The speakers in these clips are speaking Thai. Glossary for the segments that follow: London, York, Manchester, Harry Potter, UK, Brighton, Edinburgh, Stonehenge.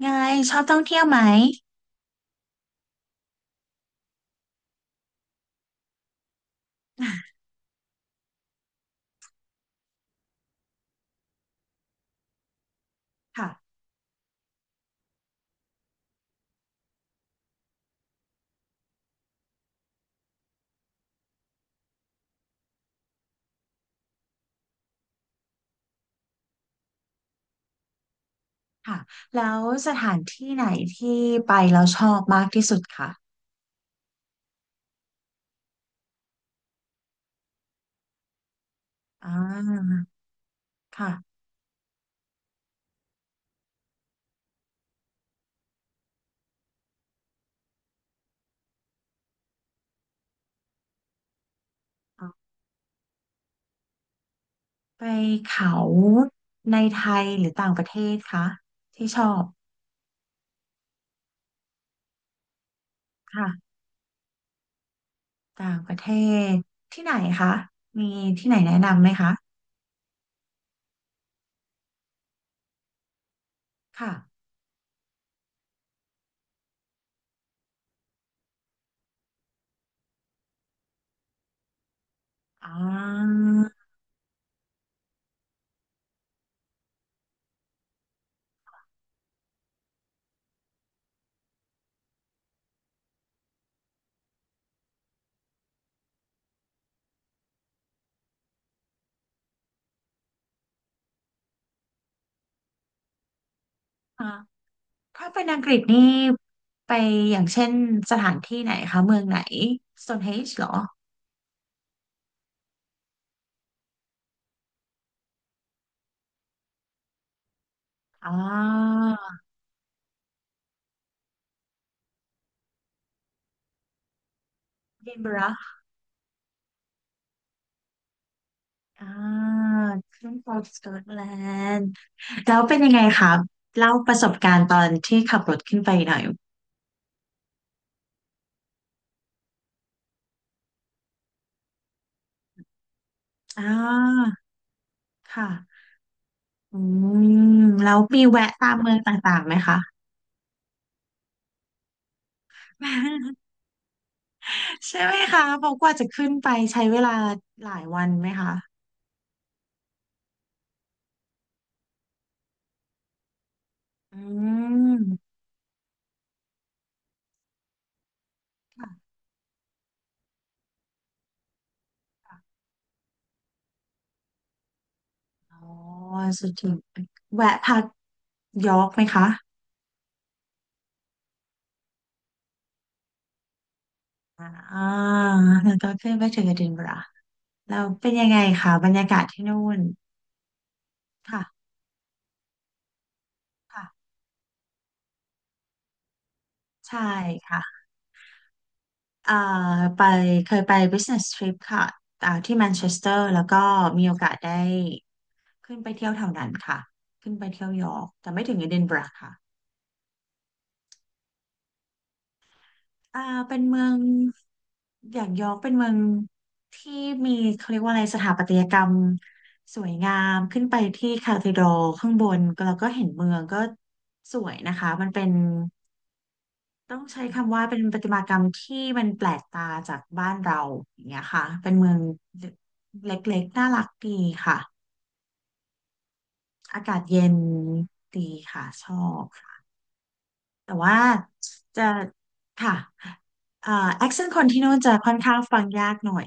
ไงชอบท่องเที่ยวไหมอ่ะค่ะค่ะ แล้วสถานที่ไหนที่ไปแล้วชอบมากที่สุดคะอ่าค่ะออไปเขาในไทยหรือต่างประเทศคะที่ชอบ ค่ะ ต่างประเทศที่ไหนคะ มีที่ไหนแนะนำไหมคะ ค่ะอ่าอ่าถ้าเป็นอังกฤษนี่ไปอย่างเช่นสถานที่ไหนคะเมืองไหน Stonehenge เหรออ่า dinburgh อ่าขึ้นของสกอตแลนด์แล้วเป็นยังไงคะเล่าประสบการณ์ตอนที่ขับรถขึ้นไปหน่อยอ่าค่ะอืมแล้วมีแวะตามเมืองต่างๆไหมคะ ใช่ไหมคะเพราะกว่าจะขึ้นไปใช้เวลาหลายวันไหมคะอืมค่ะค่ะอ๋อสุดที่แวะพักยอร์กไหมคะอ่าแล้วก็ขึ้นไปถึงเอดินบะระแล้วเป็นยังไงคะบรรยากาศที่นู่นค่ะ ค่ะใช่ค่ะเอ่อไปเคยไป business trip ค่ะอ่าที่แมนเชสเตอร์แล้วก็มีโอกาสได้ขึ้นไปเที่ยวแถวนั้นค่ะขึ้นไปเที่ยวยอร์กแต่ไม่ถึงเอดินบะระค่ะอ่าเป็นเมืองอย่างยอร์กเป็นเมืองที่มีเขาเรียกว่าอะไรสถาปัตยกรรมสวยงามขึ้นไปที่คาทีดรัลข้างบนแล้วก็เห็นเมืองก็สวยนะคะมันเป็น ต้องใช้คำว่าเป็นประติมากรรมที่มันแปลกตาจากบ้านเราอย่างเงี้ยค่ะเป็นเมืองเล็กๆน่ารักดีค่ะ อากาศเย็นดีค่ะชอบค่ะแต่ว่าจะค่ะเอ่อแอคเซนต์คนที่นู่นจะค่อนข้างฟังยากหน่อย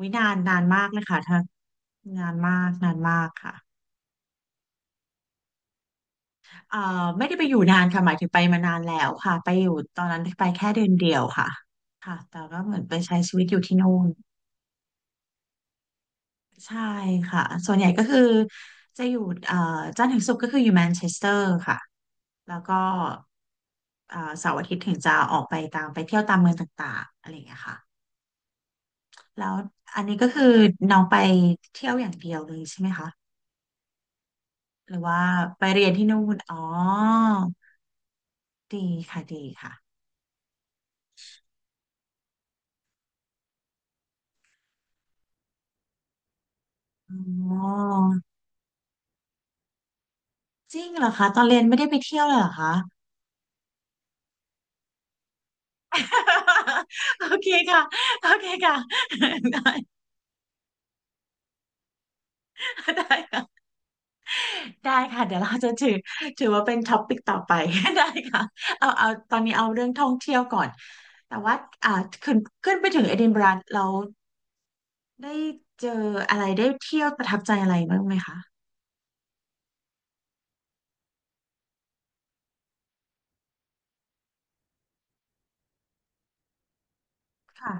วินานนานมากเลยค่ะถ้านานมากนานมากค่ะเอ่อไม่ได้ไปอยู่นานค่ะหมายถึงไปมานานแล้วค่ะไปอยู่ตอนนั้นไปแค่เดือนเดียวค่ะค่ะแต่ก็เหมือนไปใช้ชีวิตอยู่ที่นู่น ใช่ค่ะส่วนใหญ่ก็คือจะอยู่เอ่อจันทร์ถึงศุกร์ก็คืออยู่แมนเชสเตอร์ค่ะแล้วก็เสาร์อาทิตย์ถึงจะออกไปตามไปเที่ยวตามเมืองต่างๆอะไรอย่างเงี้ยค่ะแล้วอันนี้ก็คือน้องไปเที่ยวอย่างเดียวเลยใช่ไหมคะหรือว่าไปเรียนที่นู่นอ๋อดีค่ะดีค่ะอ๋อจริงเหรอคะตอนเรียนไม่ได้ไปเที่ยวเลยเหรอคะ โอเคค่ะโอเคค่ะ ได้ได้ ได้ค่ะเดี๋ยวเราจะถือว่าเป็นท็อปิกต่อไป ได้ค่ะเอาตอนนี้เอาเรื่องท่องเที่ยวก่อนแต่ว่าอ่าขึ้นขึ้นไปถึงเอดินบะระเราได้เจออะไรได้เที่ยวประทับใจอะไรบ้างไหมคะค่ะ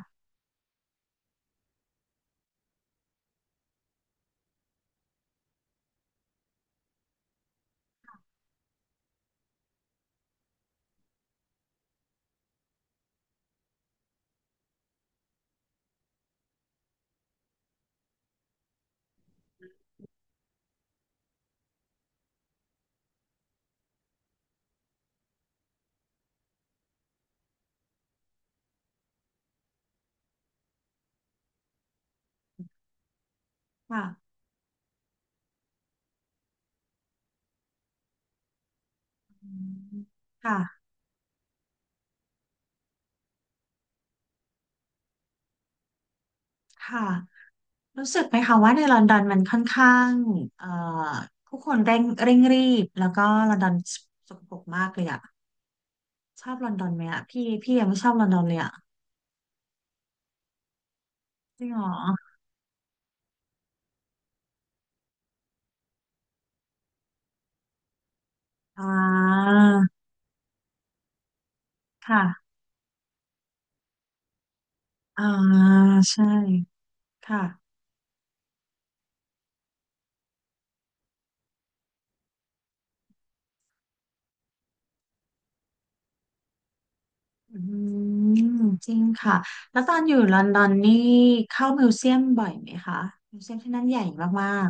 ค่ะอืมค่ะค่ะรู้สึกไหมคะว่าในลอนดอนมันค่อนข้างเอ่อผู้คนเร่งรีบแล้วก็ลอนดอนสกปรกมากเลยอะชอบลอนดอนไหมอะพี่พี่ยังไม่ชอบลอนดอนเลยอะจริงเหรออ่าค่ะ อ่าใช่ค่ะอืมจริงค่ะแล้วตอนอยู่ลอนดอนนี่เข้ามิวเซียมบ่อยไหมคะมิวเซียมที่นั่นใหญ่มาก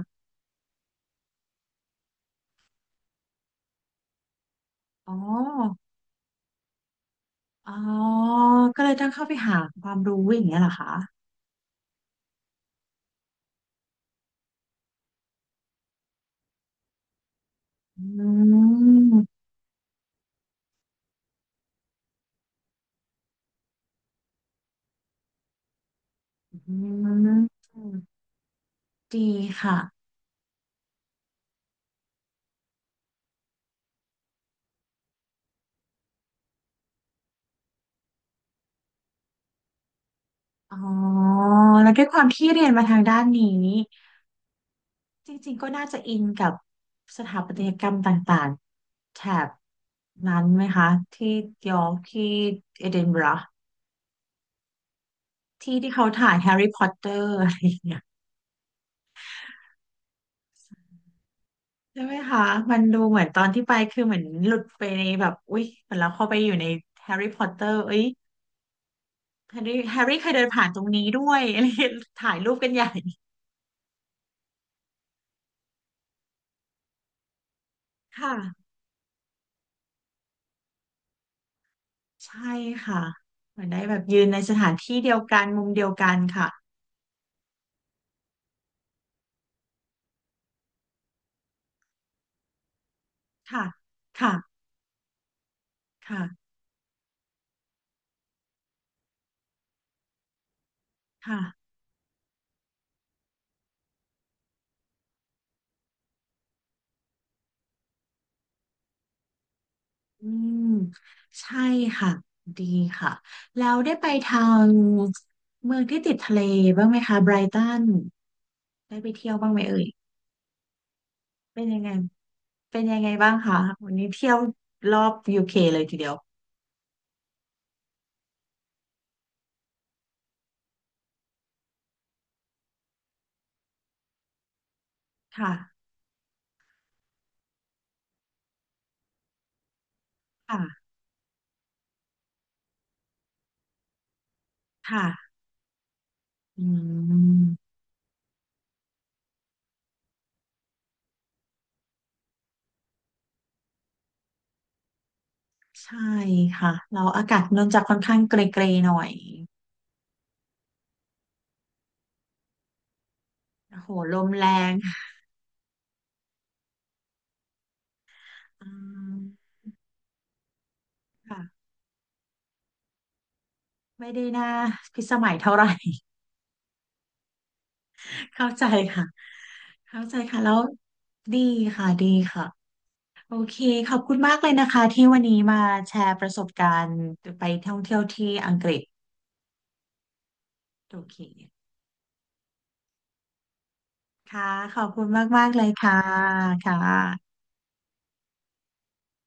ๆอ๋ออ๋อก็เลยต้องเข้าไปหาความรู้อย่างเงี้ยเหรอคะอืมอืมดีค่ะอ๋อแล้วด้วยความที่เรียนมาทางด้านนี้จริงๆก็น่าจะอินกับสถาปัตยกรรมต่างๆ แถบนั้นไหมคะที่ยอร์กที่เอดินบะระที่ที่เขาถ่ายแฮร์รี่พอตเตอร์อะไรอย่างเงี้ยใช่ไหมคะมันดูเหมือนตอนที่ไปคือเหมือนหลุดไปในแบบอุ๊ยเหมือนเราเข้าไปอยู่ในแฮร์รี่พอตเตอร์เอ้ยแฮร์รี่เคยเดินผ่านตรงนี้ด้วย อะไรอย่างเงี้ยถ่ายรูปกันใหญ่ค่ะใช่ค่ะเหมือนได้แบบยืนในสถานที่เดียวกันมุมเดียวกันค่ะค่ะค่ะค่ะค่ะ อืมใช่ค่ะดีค่ะแล้วได้ไปทางเมืองที่ติดทะเลบ้างไหมคะไบรตันได้ไปเที่ยวบ้างไหมเอ่ยเป็นยังไงเป็นยังไงบ้างคะวันนี้เที่ยวรอบUKเลยทีเดียวค่ะค่ะค่ะอืมใช่ค่ะเราอากาศนนท์จะค่อนข้างเกรย์ๆหน่อยโอ้โหลมแรงอืมค่ะไม่ได้น่าพิสมัยเท่าไหร่ เข้าใจค่ะ เข้าใจค่ะแล้วดีค่ะดีค่ะโอเคขอบคุณมากเลยนะคะที่วันนี้มาแชร์ประสบการณ์ไปท่องเที่ยวที่อังกฤษโอเคค่ะขอบคุณมากๆเลยค่ะค่ะ